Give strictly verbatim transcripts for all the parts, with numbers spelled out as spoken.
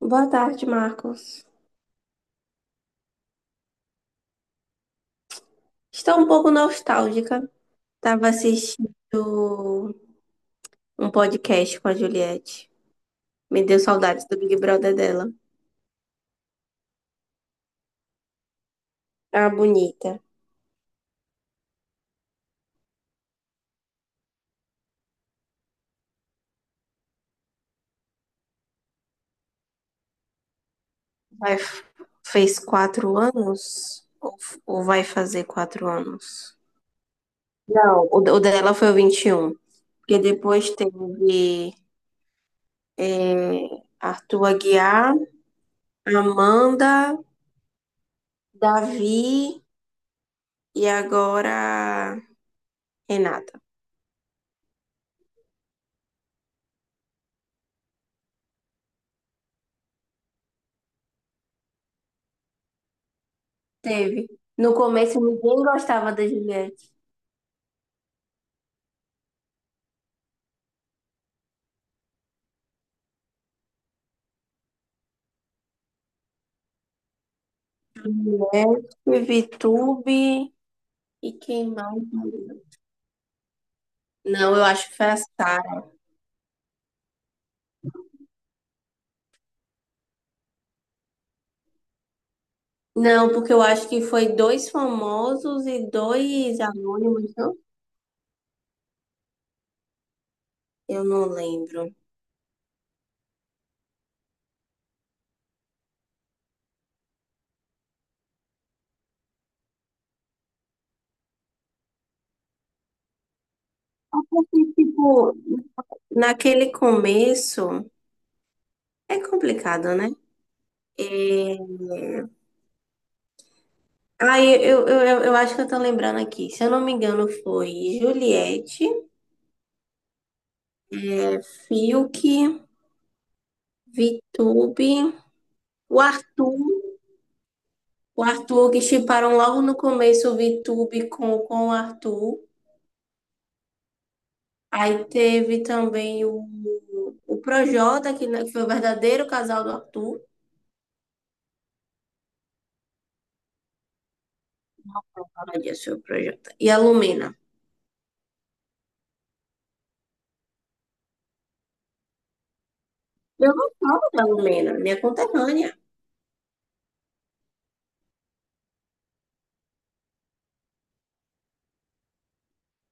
Boa tarde, Marcos. Estou um pouco nostálgica. Estava assistindo um podcast com a Juliette. Me deu saudades do Big Brother dela. A bonita. Vai, fez quatro anos? Ou, ou vai fazer quatro anos? Não, o, o dela foi o vinte e um. Porque depois teve é, Arthur Aguiar, Amanda, Davi e agora Renata. Teve. No começo ninguém gostava da Juliette. Teve Vitube e quem mais? Não, eu acho que foi a Sara. Não, porque eu acho que foi dois famosos e dois anônimos, não? Eu não lembro. E, tipo, naquele começo é complicado, né? Aí eu, eu, eu, eu acho que eu tô lembrando aqui. Se eu não me engano, foi Juliette, Fiuk, Vitube, o Arthur. O Arthur, que shipparam logo no começo o VTube com, com o Arthur. Aí teve também o, o Projota, que, né, que foi o verdadeiro casal do Arthur. Fala disso, foi o Projota. E a Lumena. Eu não falo da Lumena, minha conterrânea.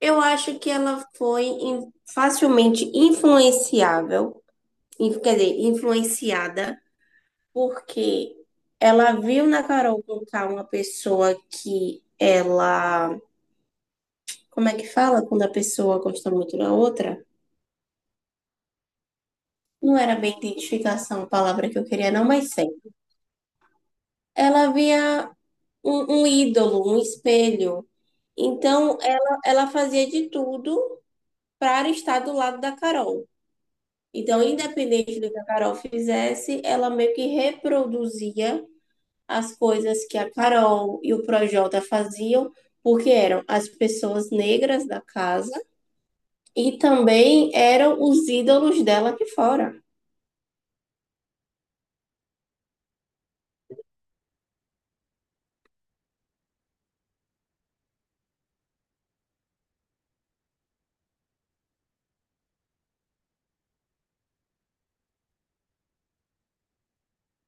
Eu acho que ela foi in- facilmente influenciável, in- quer dizer, influenciada, porque ela viu na Carol Conká uma pessoa que ela, como é que fala quando a pessoa gosta muito da outra? Não era bem identificação a palavra que eu queria, não, mas sei. Ela via um, um ídolo, um espelho. Então, ela, ela fazia de tudo para estar do lado da Carol. Então, independente do que a Carol fizesse, ela meio que reproduzia as coisas que a Carol e o Projota faziam, porque eram as pessoas negras da casa, e também eram os ídolos dela aqui fora.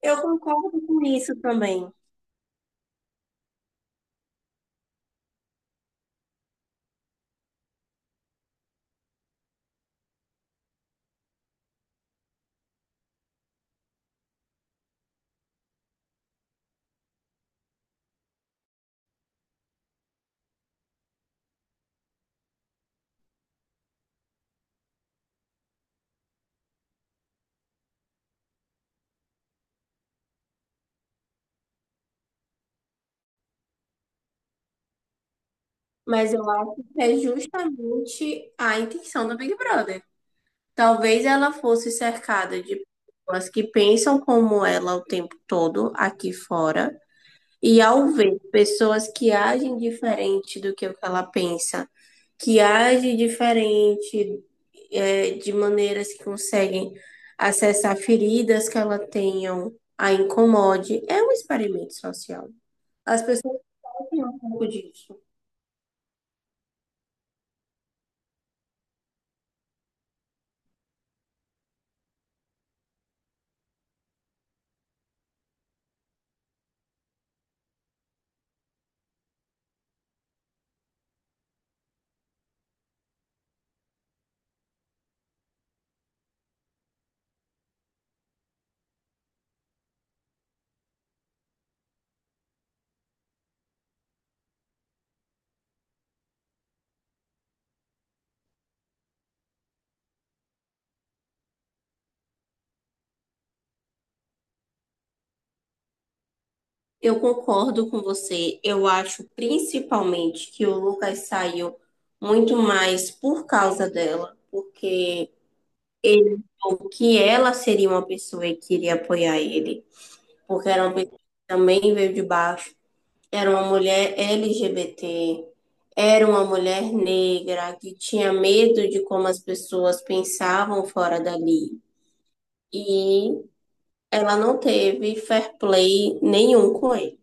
Eu concordo com isso também, mas eu acho que é justamente a intenção do Big Brother. Talvez ela fosse cercada de pessoas que pensam como ela o tempo todo aqui fora, e ao ver pessoas que agem diferente do que o que ela pensa, que agem diferente, é, de maneiras que conseguem acessar feridas que ela tenham, a incomode, é um experimento social. As pessoas fazem um pouco disso. Eu concordo com você. Eu acho principalmente que o Lucas saiu muito mais por causa dela, porque ele achou que ela seria uma pessoa que iria apoiar ele, porque era uma pessoa que também veio de baixo, era uma mulher L G B T, era uma mulher negra que tinha medo de como as pessoas pensavam fora dali. E ela não teve fair play nenhum com ele.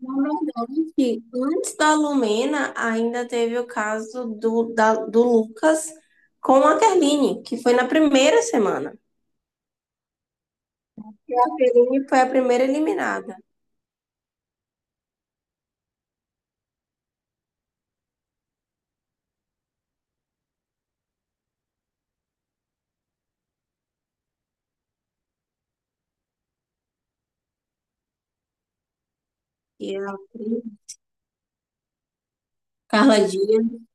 Na verdade, antes da Lumena, ainda teve o caso do, da- do Lucas com a Kerline, que foi na primeira semana. E a Kerline foi a primeira eliminada. E a Carla Dias.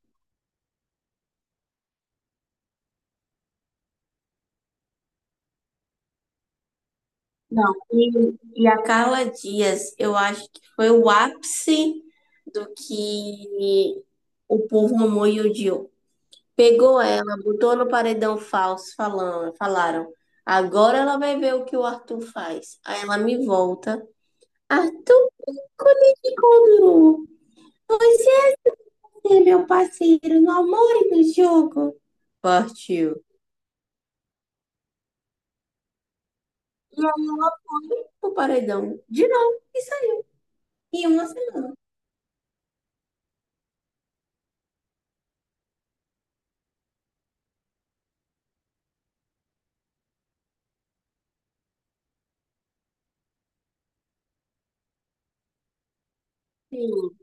Não, e, e a Carla Dias, eu acho que foi o ápice do que o povo amou e odiou. Pegou ela, botou no paredão falso, falando, falaram. Agora ela vai ver o que o Arthur faz. Aí ela me volta. Arthur, conectou. Você é ser meu parceiro no amor e no jogo. Partiu. O paredão. De novo, isso aí. Em uma semana. Sim.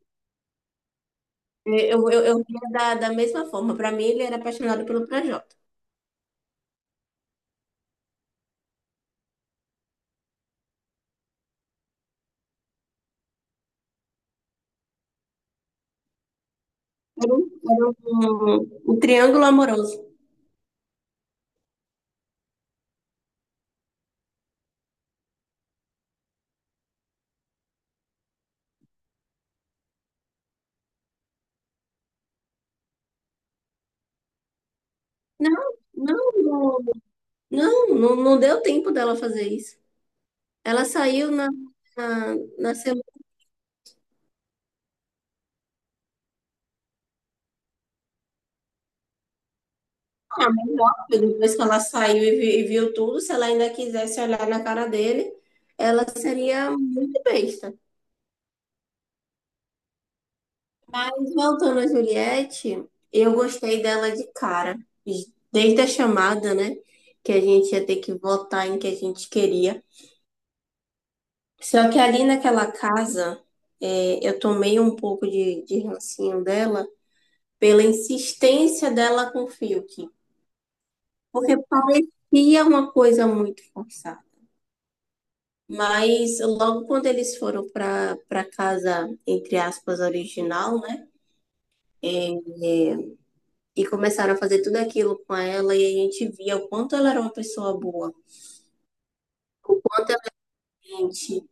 Eu, eu, eu via da, da mesma forma. Pra mim, ele era apaixonado pelo Projota. Era um, era um- um triângulo amoroso. Não, não, não, não, não, não deu tempo dela fazer isso. Ela saiu na, na, na semana. Ah, mas nossa, depois que ela saiu e vi- e viu tudo, se ela ainda quisesse olhar na cara dele, ela seria muito besta. Mas voltando a Juliette, eu gostei dela de cara. Desde a chamada, né? Que a gente ia ter que votar em que a gente queria. Só que ali naquela casa, é, eu tomei um pouco de, de rancinho dela pela insistência dela com o Fiuk. Porque parecia uma coisa muito forçada. Mas logo quando eles foram para para casa, entre aspas, original, né? É, é, e começaram a fazer tudo aquilo com ela, e a gente via o quanto ela era uma pessoa boa. Quanto a gente,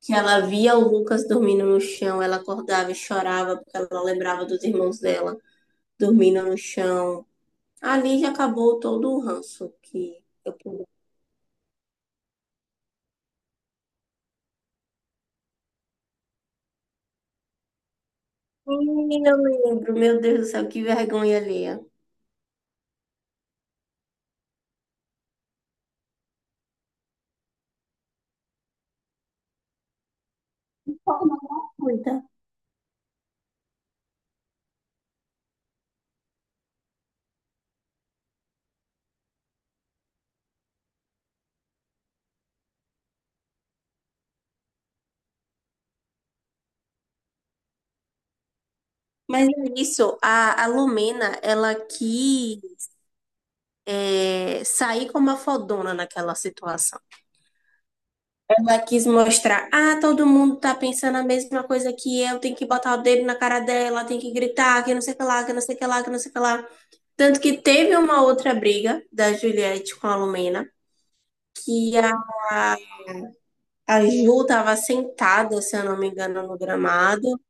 que ela via o Lucas dormindo no chão, ela acordava e chorava porque ela lembrava dos irmãos dela dormindo no chão. Ali já acabou todo o ranço que eu pude. Ih, eu lembro, meu Deus do céu, que vergonha alheia. De forma gratuita. Mas é isso, a, a Lumena, ela quis, é, sair como a fodona naquela situação. Ela quis mostrar, ah, todo mundo tá pensando a mesma coisa que eu, tem que botar o dedo na cara dela, tem que gritar, que não sei o que lá, que não sei o que lá, que não sei o que lá. Tanto que teve uma outra briga da Juliette com a Lumena, que a, a Ju tava sentada, se eu não me engano, no gramado.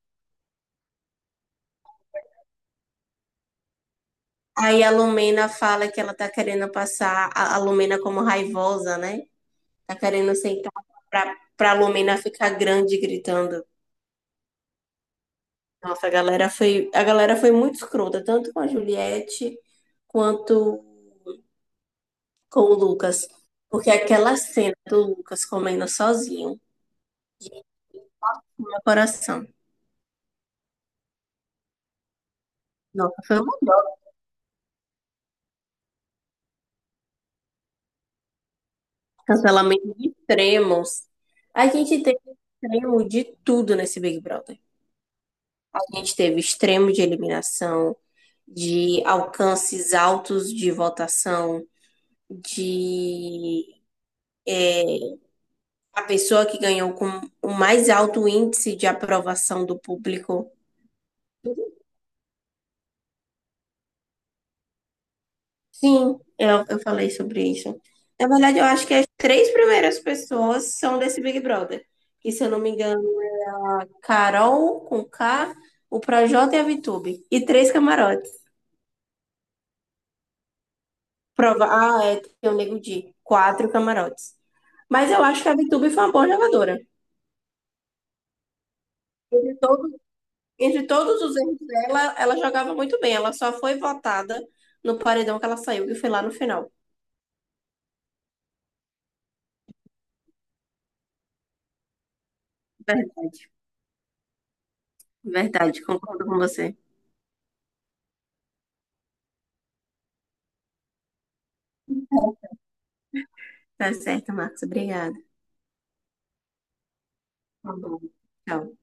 Aí a Lumena fala que ela tá querendo passar a, a Lumena como raivosa, né? Tá querendo sentar pra, pra Lumena ficar grande gritando. Nossa, a galera foi, a galera foi muito escrota, tanto com a Juliette quanto com o Lucas. Porque aquela cena do Lucas comendo sozinho, no meu coração. Nossa, foi um cancelamento de extremos. A gente teve extremo de tudo nesse Big Brother. A gente teve extremo de eliminação, de alcances altos de votação, de. A pessoa que ganhou com o mais alto índice de aprovação do público. Sim, eu, eu falei sobre isso. Na verdade, eu acho que as três primeiras pessoas são desse Big Brother. Que, se eu não me engano, Carol com K, o Projota e a Vitube. E três camarotes. Prova... Ah, é, tem o Nego Di. Quatro camarotes. Mas eu acho que a Vitube foi uma boa jogadora. Entre todos, entre todos os erros dela, ela jogava muito bem. Ela só foi votada no paredão que ela saiu, que foi lá no final. Verdade, verdade, concordo com você. Tá certo, Marcos. Obrigada. Tá bom. Tchau.